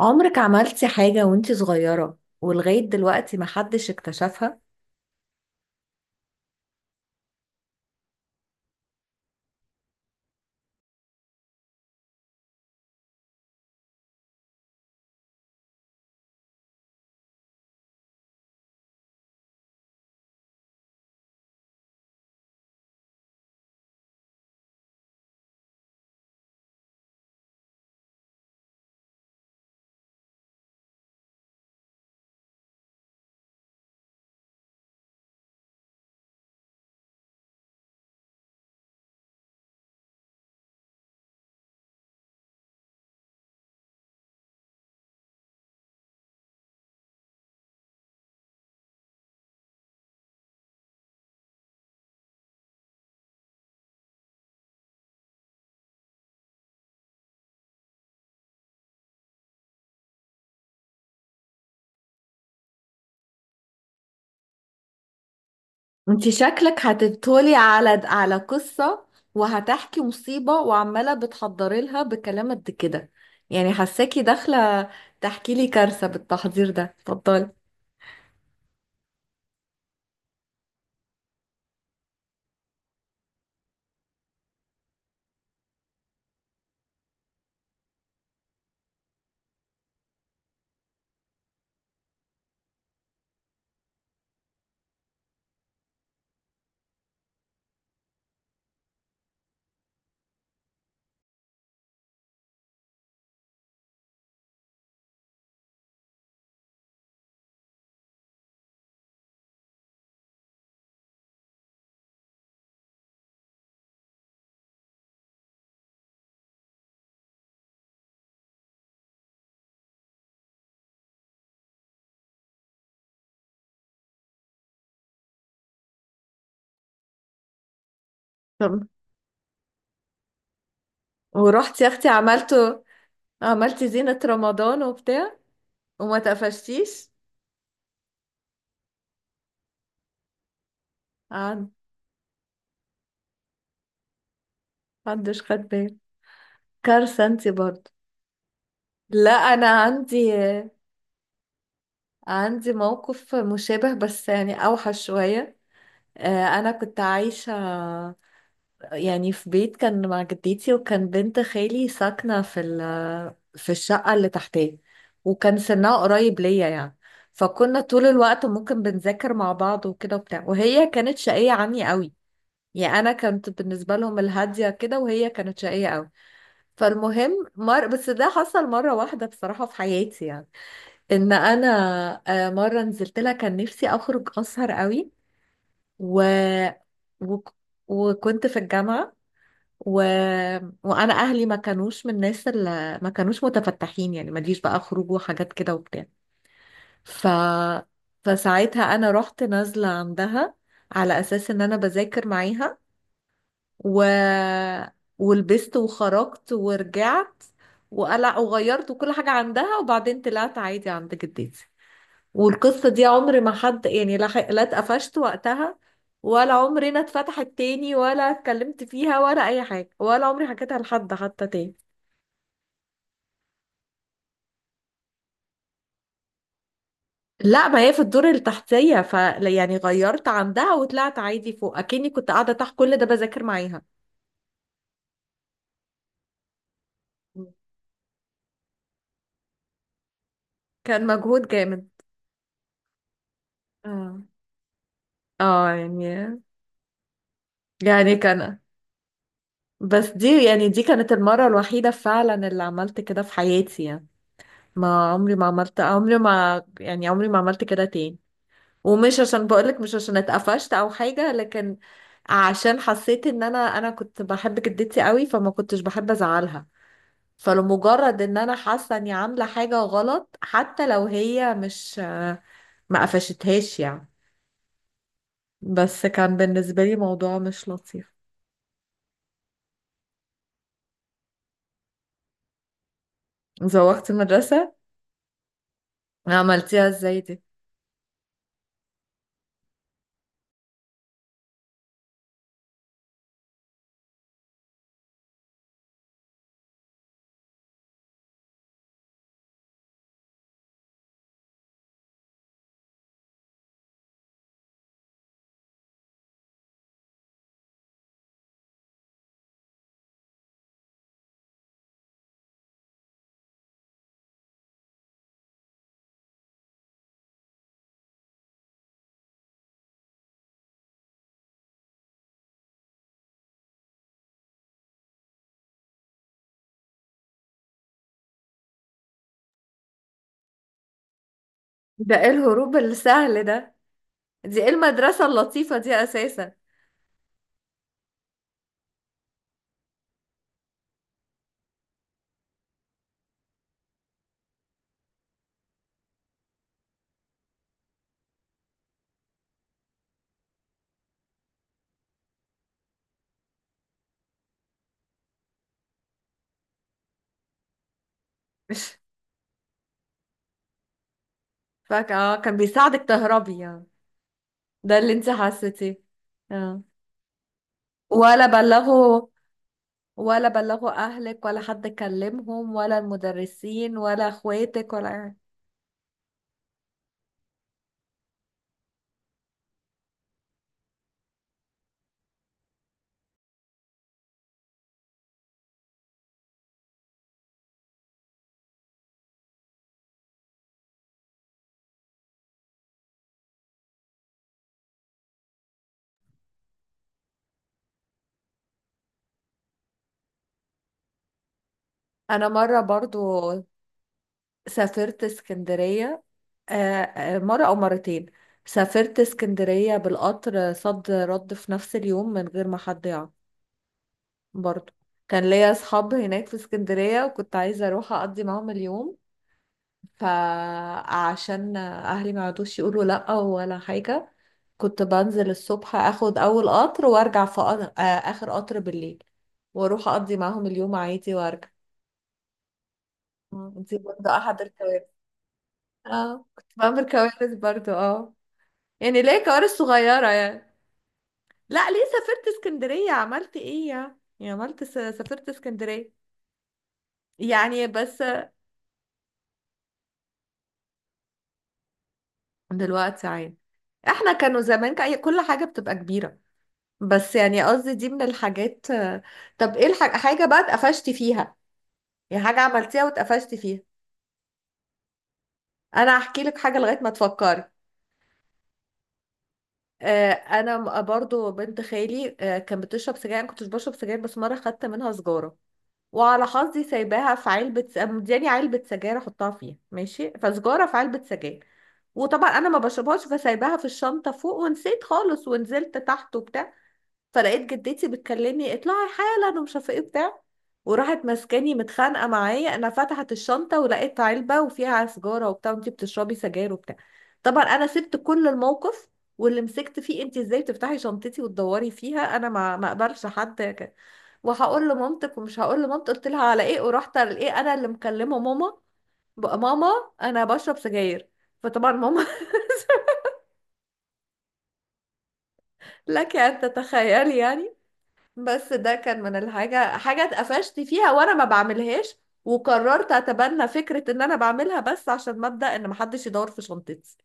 عمرك عملتي حاجة وانتي صغيرة ولغاية دلوقتي محدش اكتشفها؟ وانتي شكلك هتبتولي على قصة وهتحكي مصيبة وعمالة بتحضري لها بكلام قد كده، يعني حساكي داخلة تحكي لي كارثة بالتحضير ده، اتفضلي. طب ورحتي يا اختي عملتي زينة رمضان وبتاع وما تقفشتيش؟ عن- محدش خد بالي، كارثة انتي برضه. لا انا عندي موقف مشابه بس يعني أوحش شوية. أنا كنت عايشة يعني في بيت، كان مع جدتي، وكان بنت خالي ساكنة في في الشقة اللي تحتيه، وكان سنها قريب ليا يعني. فكنا طول الوقت ممكن بنذاكر مع بعض وكده وبتاع، وهي كانت شقية عني قوي، يعني أنا كنت بالنسبة لهم الهادية كده وهي كانت شقية قوي. فالمهم بس ده حصل مرة واحدة بصراحة في حياتي يعني، ان انا مره نزلت لها، كان نفسي اخرج اسهر قوي و... و... وكنت في الجامعه، و... وانا اهلي ما كانوش من الناس اللي ما كانوش متفتحين، يعني ما ليش بقى خروج وحاجات كده وبتاع. ف... فساعتها انا رحت نازله عندها على اساس ان انا بذاكر معاها، و... ولبست وخرجت ورجعت وقلع وغيرت وكل حاجه عندها، وبعدين طلعت عادي عند جدتي. والقصة دي عمر ما حد يعني لا لا اتقفشت وقتها، ولا عمرنا اتفتحت تاني، ولا اتكلمت فيها ولا أي حاجة، ولا عمري حكيتها لحد حتى تاني. لا ما هي في الدور التحتية، يعني غيرت عندها وطلعت عادي فوق، أكني كنت قاعدة تحت كل ده بذاكر معاها. كان مجهود جامد. اه اه يعني يعني بس دي، يعني دي كانت المرة الوحيدة فعلا اللي عملت كده في حياتي، يعني ما عمري ما عملت، عمري ما، يعني عمري ما عملت كده تاني. ومش عشان بقولك مش عشان اتقفشت او حاجة، لكن عشان حسيت ان انا كنت بحب جدتي قوي، فما كنتش بحب ازعلها. فلمجرد ان انا حاسة اني عاملة حاجة غلط، حتى لو هي مش ما قفشتهاش يعني، بس كان بالنسبة لي موضوع مش لطيف. زوغت المدرسة؟ عملتيها ازاي دي؟ ده ايه الهروب السهل ده؟ دي ايه المدرسة اللطيفة دي اساسا؟ كان بيساعدك تهربي يعني. ده اللي انت حسيتيه؟ اه. ولا بلغوا اهلك، ولا حد كلمهم، ولا المدرسين، ولا اخواتك، انا مره برضو سافرت اسكندريه، مره او مرتين سافرت اسكندريه بالقطر صد رد في نفس اليوم من غير ما حد يعرف، برضو. كان ليا اصحاب هناك في اسكندريه، وكنت عايزه اروح اقضي معاهم اليوم. فعشان اهلي ما يقعدوش يقولوا لا ولا حاجه، كنت بنزل الصبح اخد اول قطر وارجع في قطر آه، اخر قطر بالليل، واروح اقضي معاهم اليوم عادي وارجع. دي برضه احد الكوارث. اه كنت بعمل كوارث برضه، يعني ليه، كوارث صغيره يعني. لا ليه سافرت اسكندريه، عملت ايه يعني سافرت اسكندريه يعني، بس. دلوقتي عادي. احنا كانوا زمان كل حاجه بتبقى كبيره. بس يعني قصدي دي من الحاجات، طب ايه حاجة بقى اتقفشتي فيها؟ يعني حاجة عملتيها واتقفشتي فيها؟ انا هحكي لك حاجة لغاية ما تفكري. انا برضو بنت خالي كانت بتشرب سجاير، انا كنتش بشرب سجاير، بس مرة خدت منها سجارة. وعلى حظي سايباها في علبة مدياني علبة سجاير احطها فيها ماشي، فسجارة في علبة سجاير، وطبعا انا ما بشربهاش، فسايباها في الشنطة فوق ونسيت خالص، ونزلت تحت وبتاع. فلقيت جدتي بتكلمني، اطلعي حالا، ومش عارفه ايه بتاع، وراحت ماسكاني متخانقه معايا، انا فتحت الشنطه ولقيت علبه وفيها سجاره وبتاع، وانتي بتشربي سجاير وبتاع. طبعا انا سبت كل الموقف واللي مسكت فيه، انتي ازاي بتفتحي شنطتي وتدوري فيها، انا ما اقبلش حد وهقول لمامتك ومش هقول لمامتك. قلت لها على ايه، ورحت على ايه، انا اللي مكلمه ماما، بقى ماما انا بشرب سجاير، فطبعا ماما. لك ان تتخيلي يعني. بس ده كان من حاجة اتقفشت فيها وانا ما بعملهاش، وقررت اتبنى فكرة ان انا بعملها بس عشان مبدأ ان محدش يدور في شنطتي.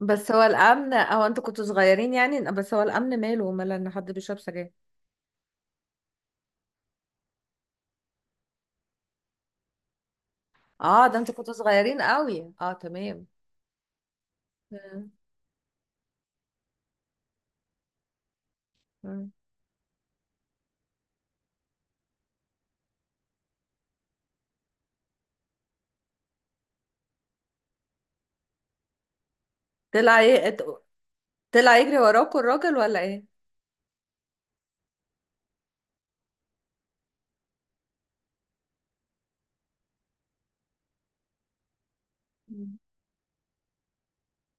بس هو الامن، او انتوا كنتوا صغيرين يعني، بس هو الامن ماله ان حد بيشرب سجاير؟ اه ده انتوا كنتوا صغيرين قوي، اه تمام. مم. مم. طلع ايه، طلع يجري وراكوا الراجل ولا ايه؟ مم.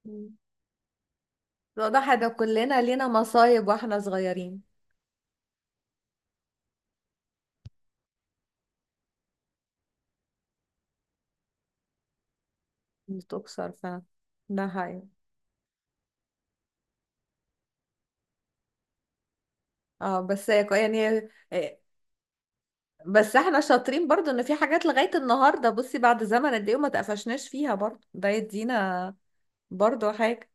مم. واضح، ده كلنا لينا مصايب واحنا صغيرين. بتكسر فعلا. ده حقيقي. اه، بس يعني بس احنا شاطرين برضو ان في حاجات لغاية النهاردة، بصي بعد زمن قد ايه وما تقفشناش فيها، برضو ده يدينا برضو حاجة.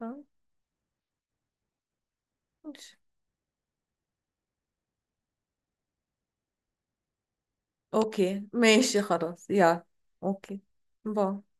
آه، ماشي. اوكي ماشي خلاص يلا. اوكي، باي.